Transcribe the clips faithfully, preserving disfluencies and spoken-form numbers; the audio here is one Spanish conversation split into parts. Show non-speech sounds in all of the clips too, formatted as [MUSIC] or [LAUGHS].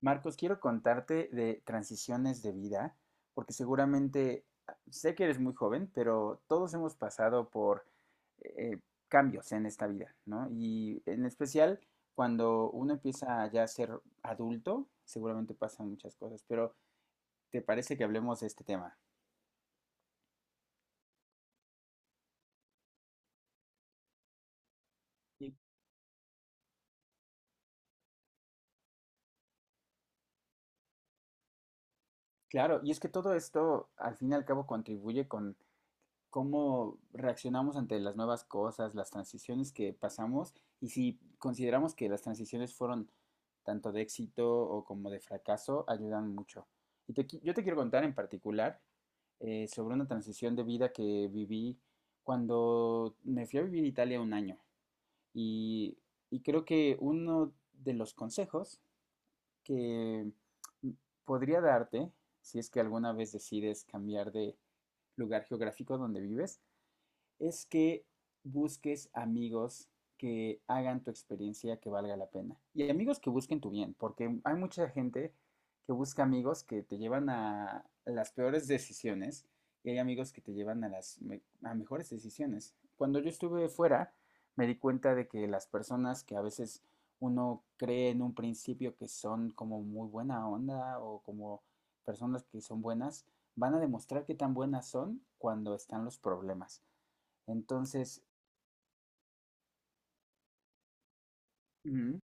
Marcos, quiero contarte de transiciones de vida, porque seguramente ah, sé que eres muy joven, pero todos hemos pasado por eh, cambios en esta vida, ¿no? Y en especial cuando uno empieza ya a ser adulto, seguramente pasan muchas cosas, pero ¿te parece que hablemos de este tema? Y claro, y es que todo esto al fin y al cabo contribuye con cómo reaccionamos ante las nuevas cosas, las transiciones que pasamos y si consideramos que las transiciones fueron tanto de éxito o como de fracaso, ayudan mucho. Y te qui- yo te quiero contar en particular eh, sobre una transición de vida que viví cuando me fui a vivir a Italia un año. Y, y creo que uno de los consejos que m- podría darte, si es que alguna vez decides cambiar de lugar geográfico donde vives, es que busques amigos que hagan tu experiencia que valga la pena. Y amigos que busquen tu bien, porque hay mucha gente que busca amigos que te llevan a las peores decisiones y hay amigos que te llevan a las me- a mejores decisiones. Cuando yo estuve fuera, me di cuenta de que las personas que a veces uno cree en un principio que son como muy buena onda o como personas que son buenas, van a demostrar qué tan buenas son cuando están los problemas. Entonces, Ujú,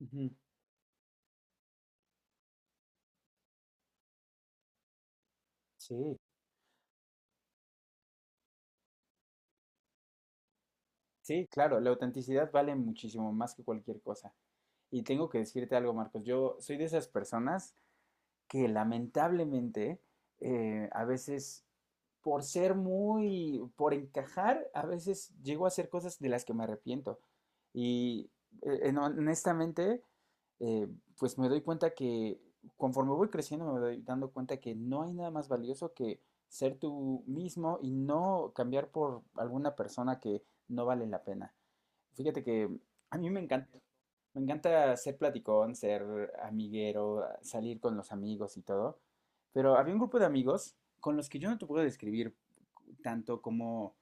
ujú. Sí, sí, claro, la autenticidad vale muchísimo más que cualquier cosa. Y tengo que decirte algo, Marcos, yo soy de esas personas que lamentablemente eh, a veces, por ser muy, por encajar, a veces llego a hacer cosas de las que me arrepiento. Y eh, honestamente, eh, pues me doy cuenta que conforme voy creciendo, me doy dando cuenta que no hay nada más valioso que ser tú mismo y no cambiar por alguna persona que no vale la pena. Fíjate que a mí me encanta, me encanta ser platicón, ser amiguero, salir con los amigos y todo, pero había un grupo de amigos con los que yo no te puedo describir tanto como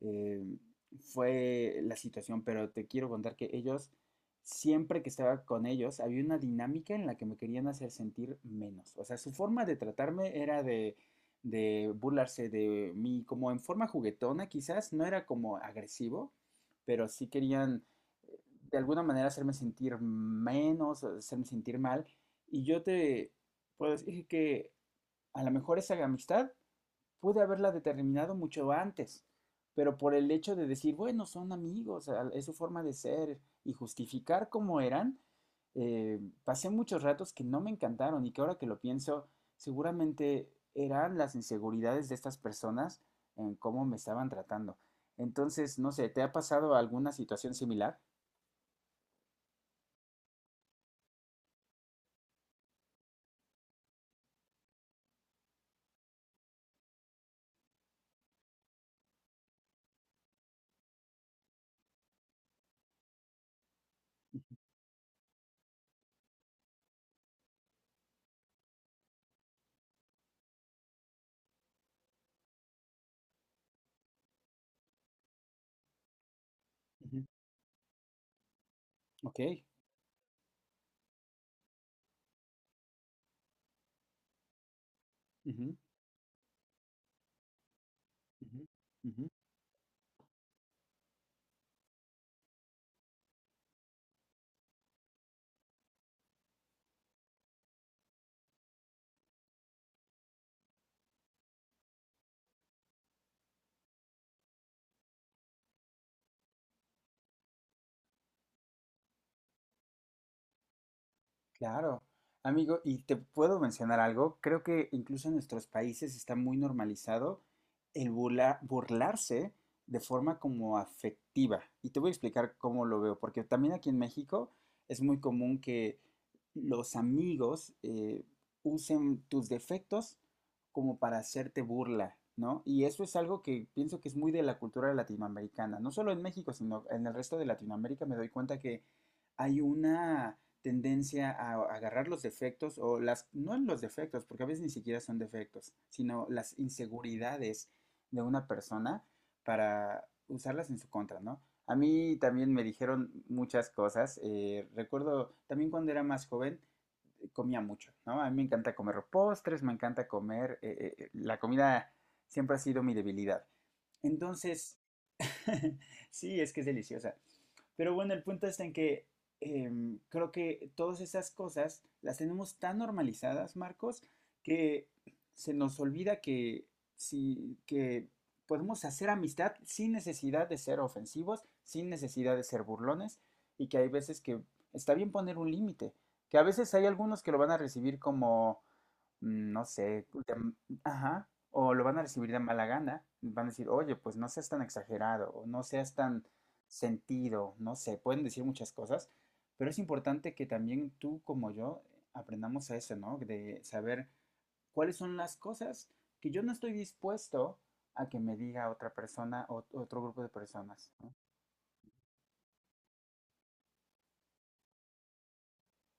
eh, fue la situación, pero te quiero contar que ellos, siempre que estaba con ellos, había una dinámica en la que me querían hacer sentir menos. O sea, su forma de tratarme era de, de burlarse de mí, como en forma juguetona quizás, no era como agresivo pero sí querían eh, de alguna manera hacerme sentir menos, hacerme sentir mal. Y yo te puedo decir que a lo mejor esa amistad pude haberla determinado mucho antes, pero por el hecho de decir, bueno, son amigos, es su forma de ser y justificar cómo eran, eh, pasé muchos ratos que no me encantaron y que ahora que lo pienso, seguramente eran las inseguridades de estas personas en cómo me estaban tratando. Entonces, no sé, ¿te ha pasado alguna situación similar? Ujú. Ok. Ujú, ujú, ujú. Claro, amigo, y te puedo mencionar algo, creo que incluso en nuestros países está muy normalizado el burla- burlarse de forma como afectiva. Y te voy a explicar cómo lo veo, porque también aquí en México es muy común que los amigos eh, usen tus defectos como para hacerte burla, ¿no? Y eso es algo que pienso que es muy de la cultura latinoamericana, no solo en México, sino en el resto de Latinoamérica me doy cuenta que hay una tendencia a agarrar los defectos o las, no los defectos, porque a veces ni siquiera son defectos, sino las inseguridades de una persona para usarlas en su contra, ¿no? A mí también me dijeron muchas cosas. eh, recuerdo también cuando era más joven, eh, comía mucho, ¿no? A mí me encanta comer postres, me encanta comer. eh, eh, eh, la comida siempre ha sido mi debilidad. Entonces, [LAUGHS] sí, es que es deliciosa. Pero bueno, el punto está en que em, creo que todas esas cosas las tenemos tan normalizadas, Marcos, que se nos olvida que, sí, que podemos hacer amistad sin necesidad de ser ofensivos, sin necesidad de ser burlones, y que hay veces que está bien poner un límite, que a veces hay algunos que lo van a recibir como, mm, no sé, de- mm, ajá, o lo van a recibir de mala gana, van a decir, oye, pues no seas tan exagerado, o no seas tan sentido, no sé, pueden decir muchas cosas, pero es importante que también tú como yo aprendamos a eso, ¿no? De saber cuáles son las cosas que yo no estoy dispuesto a que me diga otra persona o otro grupo de personas, ¿no?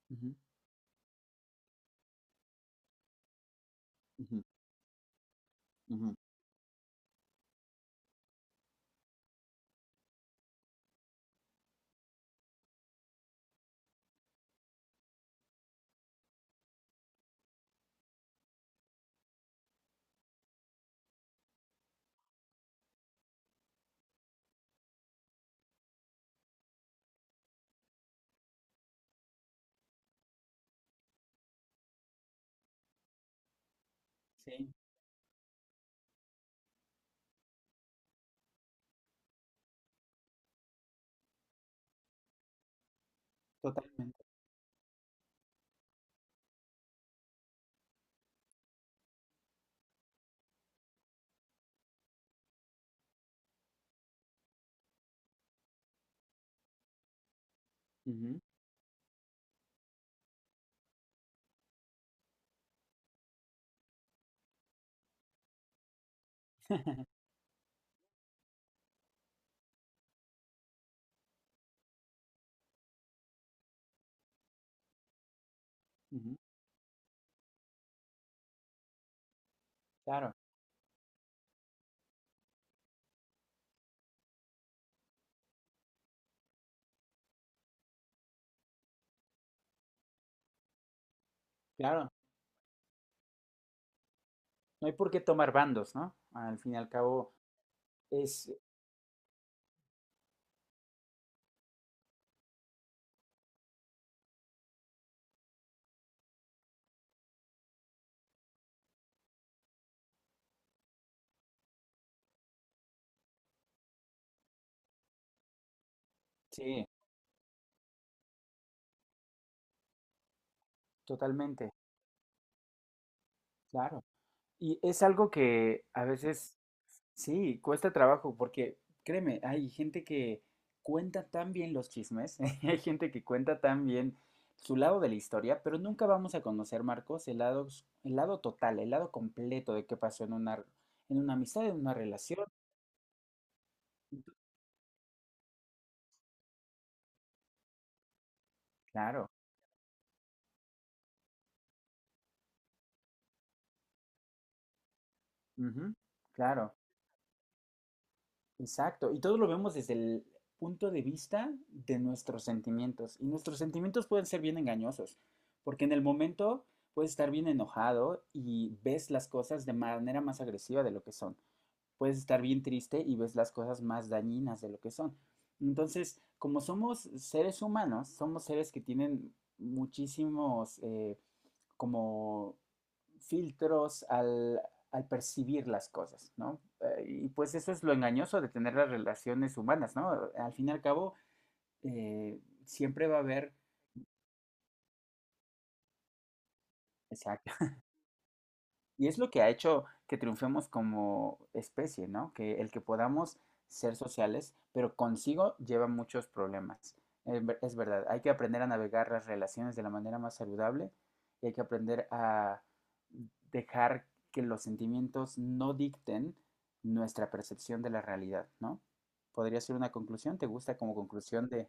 Ujú, ujú, ujú. Sí, totalmente. Ujú, ujú. Claro, claro. No hay por qué tomar bandos, ¿no? Al fin y al cabo, Es, sí, totalmente, claro. Y es algo que a veces, sí, cuesta trabajo, porque créeme, hay gente que cuenta tan bien los chismes, [LAUGHS] hay gente que cuenta tan bien su lado de la historia, pero nunca vamos a conocer, Marcos, el lado, s- el lado total, el lado completo de qué pasó en una, en una amistad, en una relación. Claro, ujú, claro. Exacto, y todo lo vemos desde el punto de vista de nuestros sentimientos. Y nuestros sentimientos pueden ser bien engañosos, porque en el momento puedes estar bien enojado y ves las cosas de manera más agresiva de lo que son. Puedes estar bien triste y ves las cosas más dañinas de lo que son. Entonces, como somos seres humanos, somos seres que tienen muchísimos eh, como filtros al, al percibir las cosas, ¿no? Eh, y pues eso es lo engañoso de tener las relaciones humanas, ¿no? Al fin y al cabo, eh, siempre va a haber, exacto, Y es lo que ha hecho que triunfemos como especie, ¿no? Que el que podamos ser sociales, pero consigo lleva muchos problemas. Es ver- es verdad, hay que aprender a navegar las relaciones de la manera más saludable y hay que aprender a dejar que los sentimientos no dicten nuestra percepción de la realidad, ¿no? Podría ser una conclusión, ¿te gusta como conclusión de...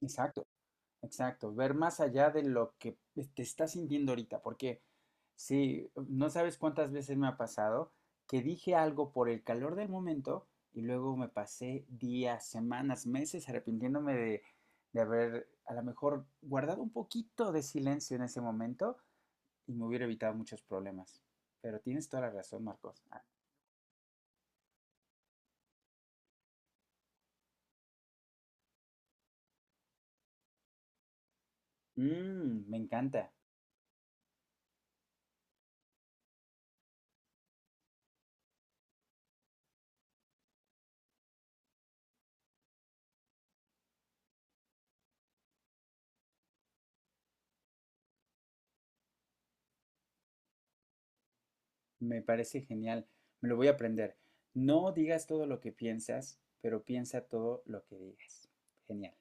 Exacto. Exacto, ver más allá de lo que eh, te estás sintiendo ahorita, porque sí, no sabes cuántas veces me ha pasado que dije algo por el calor del momento y luego me pasé días, semanas, meses arrepintiéndome de, de haber a lo mejor guardado un poquito de silencio en ese momento y me hubiera evitado muchos problemas. Pero tienes toda la razón, Marcos. Ah, mm, me encanta. Me parece genial, me lo voy a aprender. No digas todo lo que piensas, pero piensa todo lo que digas. Genial.